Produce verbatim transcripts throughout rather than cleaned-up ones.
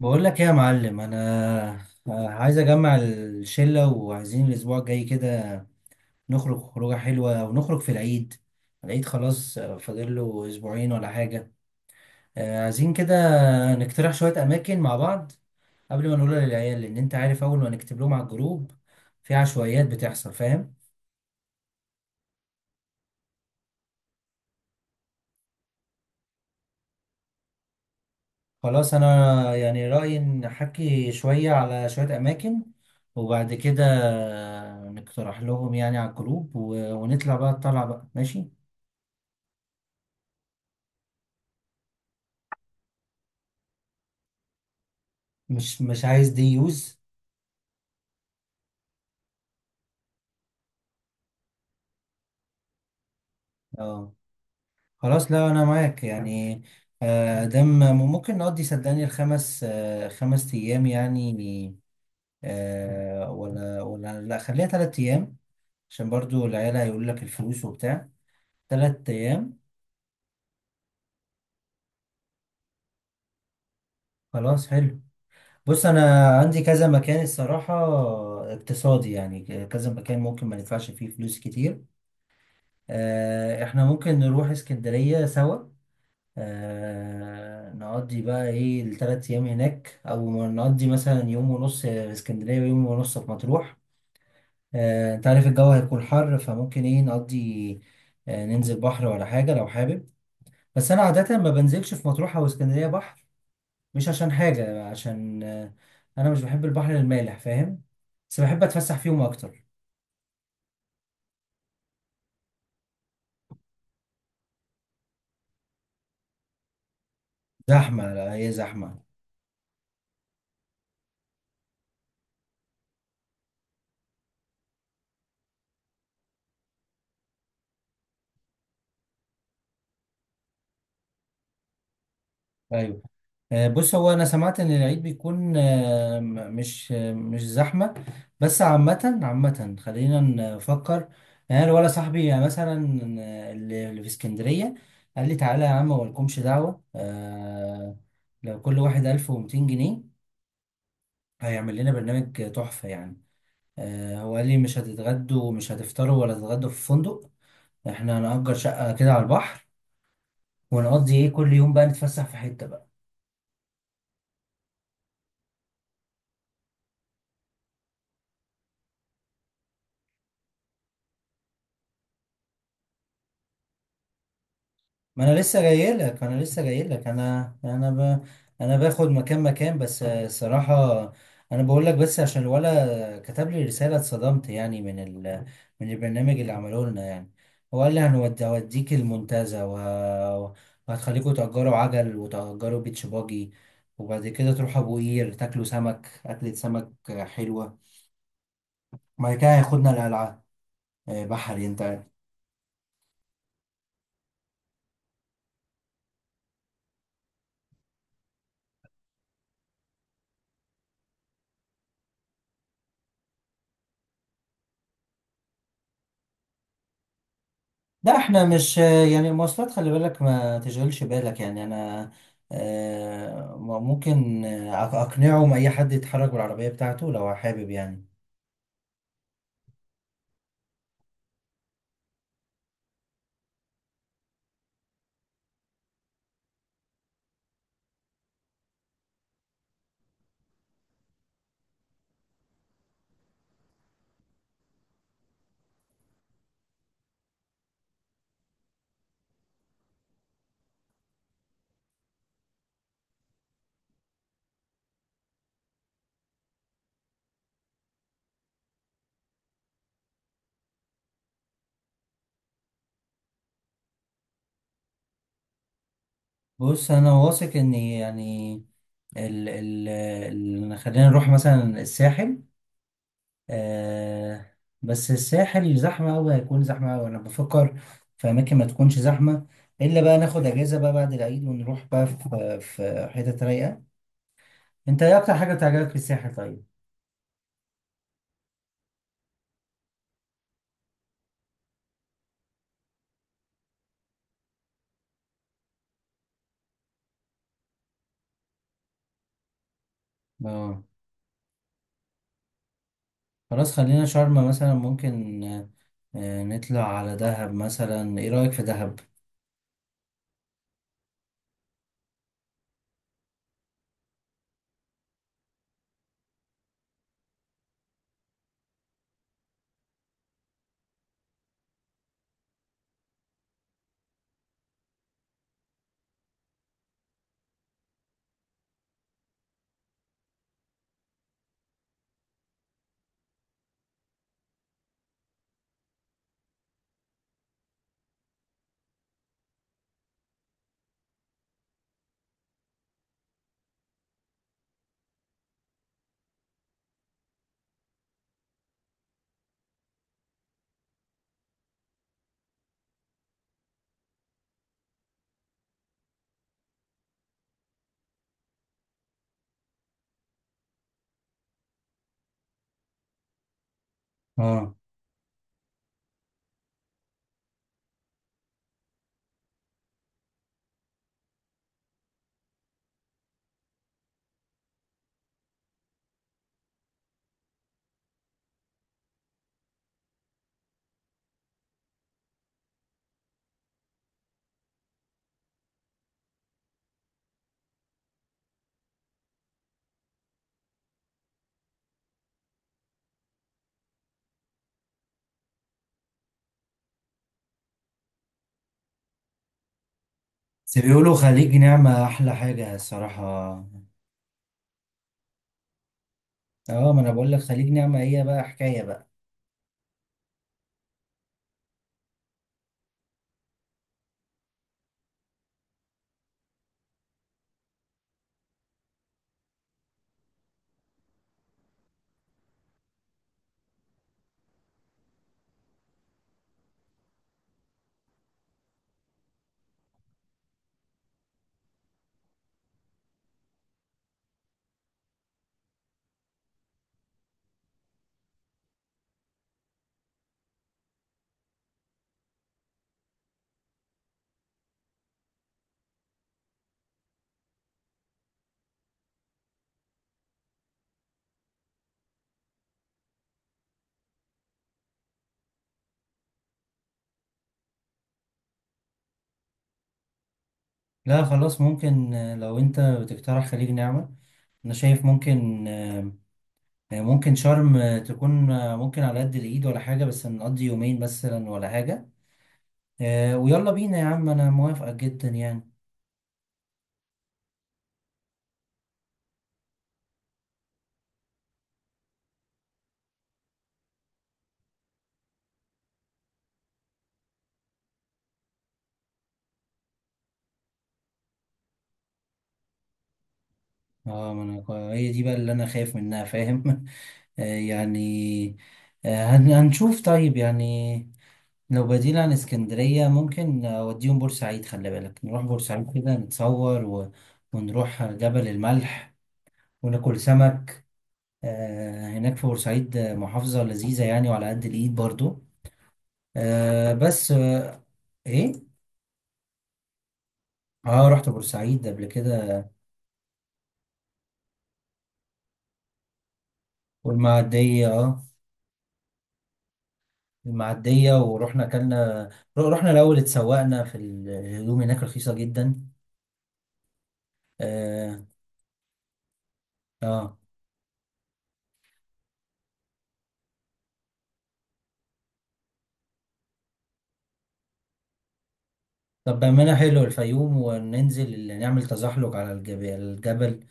بقول لك ايه يا معلم، انا عايز اجمع الشله وعايزين الاسبوع الجاي كده نخرج خروجه حلوه ونخرج في العيد. العيد خلاص فاضل له اسبوعين ولا حاجه. آه، عايزين كده نقترح شويه اماكن مع بعض قبل ما نقولها للعيال، لان انت عارف اول ما نكتب لهم على الجروب في عشوائيات بتحصل، فاهم. خلاص، انا يعني رايي نحكي شويه على شويه اماكن وبعد كده نقترح لهم يعني على الجروب و- ونطلع بقى الطلعه بقى، ماشي. مش مش عايز دي يوز. اه، خلاص، لا انا معاك يعني. آه، دم ممكن نقضي صدقني الخمس، آه، خمس ايام يعني. آه، ولا ولا لا، خليها تلات ايام، عشان برضو العيال هيقول لك الفلوس وبتاع. تلات ايام. خلاص، حلو. بص، انا عندي كذا مكان الصراحة، اقتصادي يعني، كذا مكان ممكن ما ندفعش فيه فلوس كتير. آه، احنا ممكن نروح اسكندرية سوا، آه نقضي بقى ايه الثلاث ايام هناك، او نقضي مثلا يوم ونص في اسكندريه ويوم ونص في مطروح. آه انت عارف الجو هيكون حر، فممكن ايه نقضي، آه ننزل بحر ولا حاجه لو حابب. بس انا عاده ما بنزلش في مطروح او اسكندريه بحر، مش عشان حاجه، عشان آه انا مش بحب البحر المالح، فاهم. بس بحب اتفسح فيهم اكتر. زحمه، لا هي زحمه. ايوه. آه، بص هو انا سمعت ان العيد بيكون، آه، م- مش آه، مش زحمه، بس عامه عامه خلينا نفكر، يعني أنا ولا صاحبي يعني مثلا، آه، اللي اللي في اسكندريه قال لي تعالى يا عم، مالكمش دعوه، آه، لو كل واحد ألف ومئتين جنيها هيعمل لنا برنامج تحفه يعني. آه، هو قال لي مش هتتغدوا، مش هتفطروا ولا تتغدوا في فندق، احنا هنأجر شقه كده على البحر ونقضي ايه كل يوم بقى نتفسح في حته بقى. ما انا لسه جاي لك انا لسه جاي لك انا انا ب... انا باخد مكان مكان بس، آه، الصراحه انا بقول لك بس عشان الولا كتب لي رساله اتصدمت يعني من ال... من البرنامج اللي عملوه لنا يعني. هو قال لي هنودي- هوديك المنتزه وه... وهتخليكوا تأجروا عجل وتأجروا بيتش باجي، وبعد كده تروحوا ابو قير تاكلوا سمك، اكلة سمك آه، حلوه، وبعد كده هياخدنا القلعه، آه، بحري انت. لا احنا مش يعني المواصلات، خلي بالك ما تشغلش بالك يعني، انا آه، ممكن آه، أق- اقنعه ان اي حد يتحرك بالعربية بتاعته لو حابب يعني. بص انا واثق ان يعني ال ال ال خلينا نروح مثلا الساحل، آه. بس الساحل زحمة أوي، هيكون زحمة أوي، أنا بفكر في أماكن ما تكونش زحمة، إلا بقى ناخد أجازة بقى بعد العيد ونروح بقى في في حتة رايقة. أنت إيه أكتر حاجة بتعجبك في الساحل طيب؟ اه، خلاص خلينا شرم مثلا ممكن، آه، آه نطلع على دهب مثلا، ايه رأيك في دهب؟ اه بس بيقولوا خليج نعمة احلى حاجة الصراحة. اه ما انا بقول لك، خليج نعمة هي بقى حكاية بقى. لا خلاص ممكن، آه، لو انت بتقترح خليج نعمة انا شايف ممكن، آه، آه، ممكن شرم آه، تكون آه، ممكن على قد الايد ولا حاجة، بس نقضي يومين مثلا ولا حاجة. آه، ويلا بينا يا عم، انا موافقة جدا يعني. اه ما انا هي دي بقى اللي انا خايف منها، فاهم. آه، يعني آه، هن- هنشوف طيب يعني. لو بديل عن اسكندرية ممكن أوديهم بورسعيد، خلي بالك نروح بورسعيد كده نتصور و... ونروح جبل الملح وناكل سمك آه، هناك في بورسعيد، آه، محافظة لذيذة يعني، وعلى قد الإيد برضو، آه، بس آه، إيه؟ آه رحت بورسعيد قبل كده. والمعدية آه، المعدية، ورحنا أكلنا، رحنا الأول اتسوقنا في الهدوم هناك، رخيصة جدا. آه. آه. طب بأمانة حلو الفيوم، وننزل اللي نعمل تزحلق على الجبل، الجبل.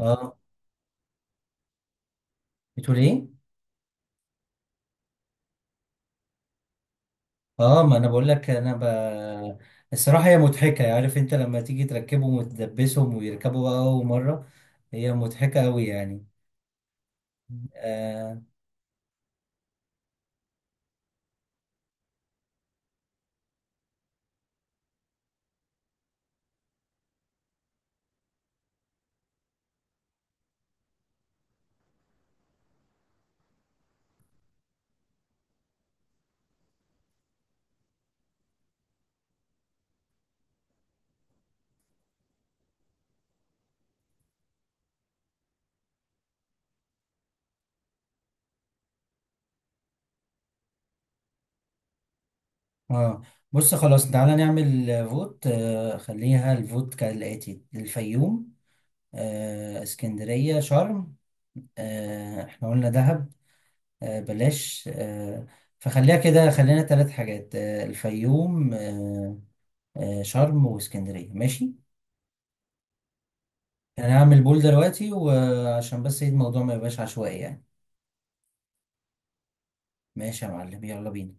اه، بتقول ايه؟ اه ما انا بقول لك انا ب... الصراحة هي مضحكة، عارف انت لما تيجي تركبهم وتدبسهم ويركبوا بقى اول مرة، هي مضحكة قوي يعني. آه. اه بص، خلاص تعالى نعمل آه، فوت. آه. خليها الفوت كالآتي، الفيوم آه. اسكندرية، شرم آه. احنا قلنا دهب آه، بلاش، آه، فخليها كده، خلينا ثلاث حاجات، آه، الفيوم آه، آه، شرم واسكندرية، ماشي. انا هعمل بول دلوقتي وعشان بس إيه، الموضوع ما يبقاش عشوائي يعني. ماشي يا معلم، يلا بينا.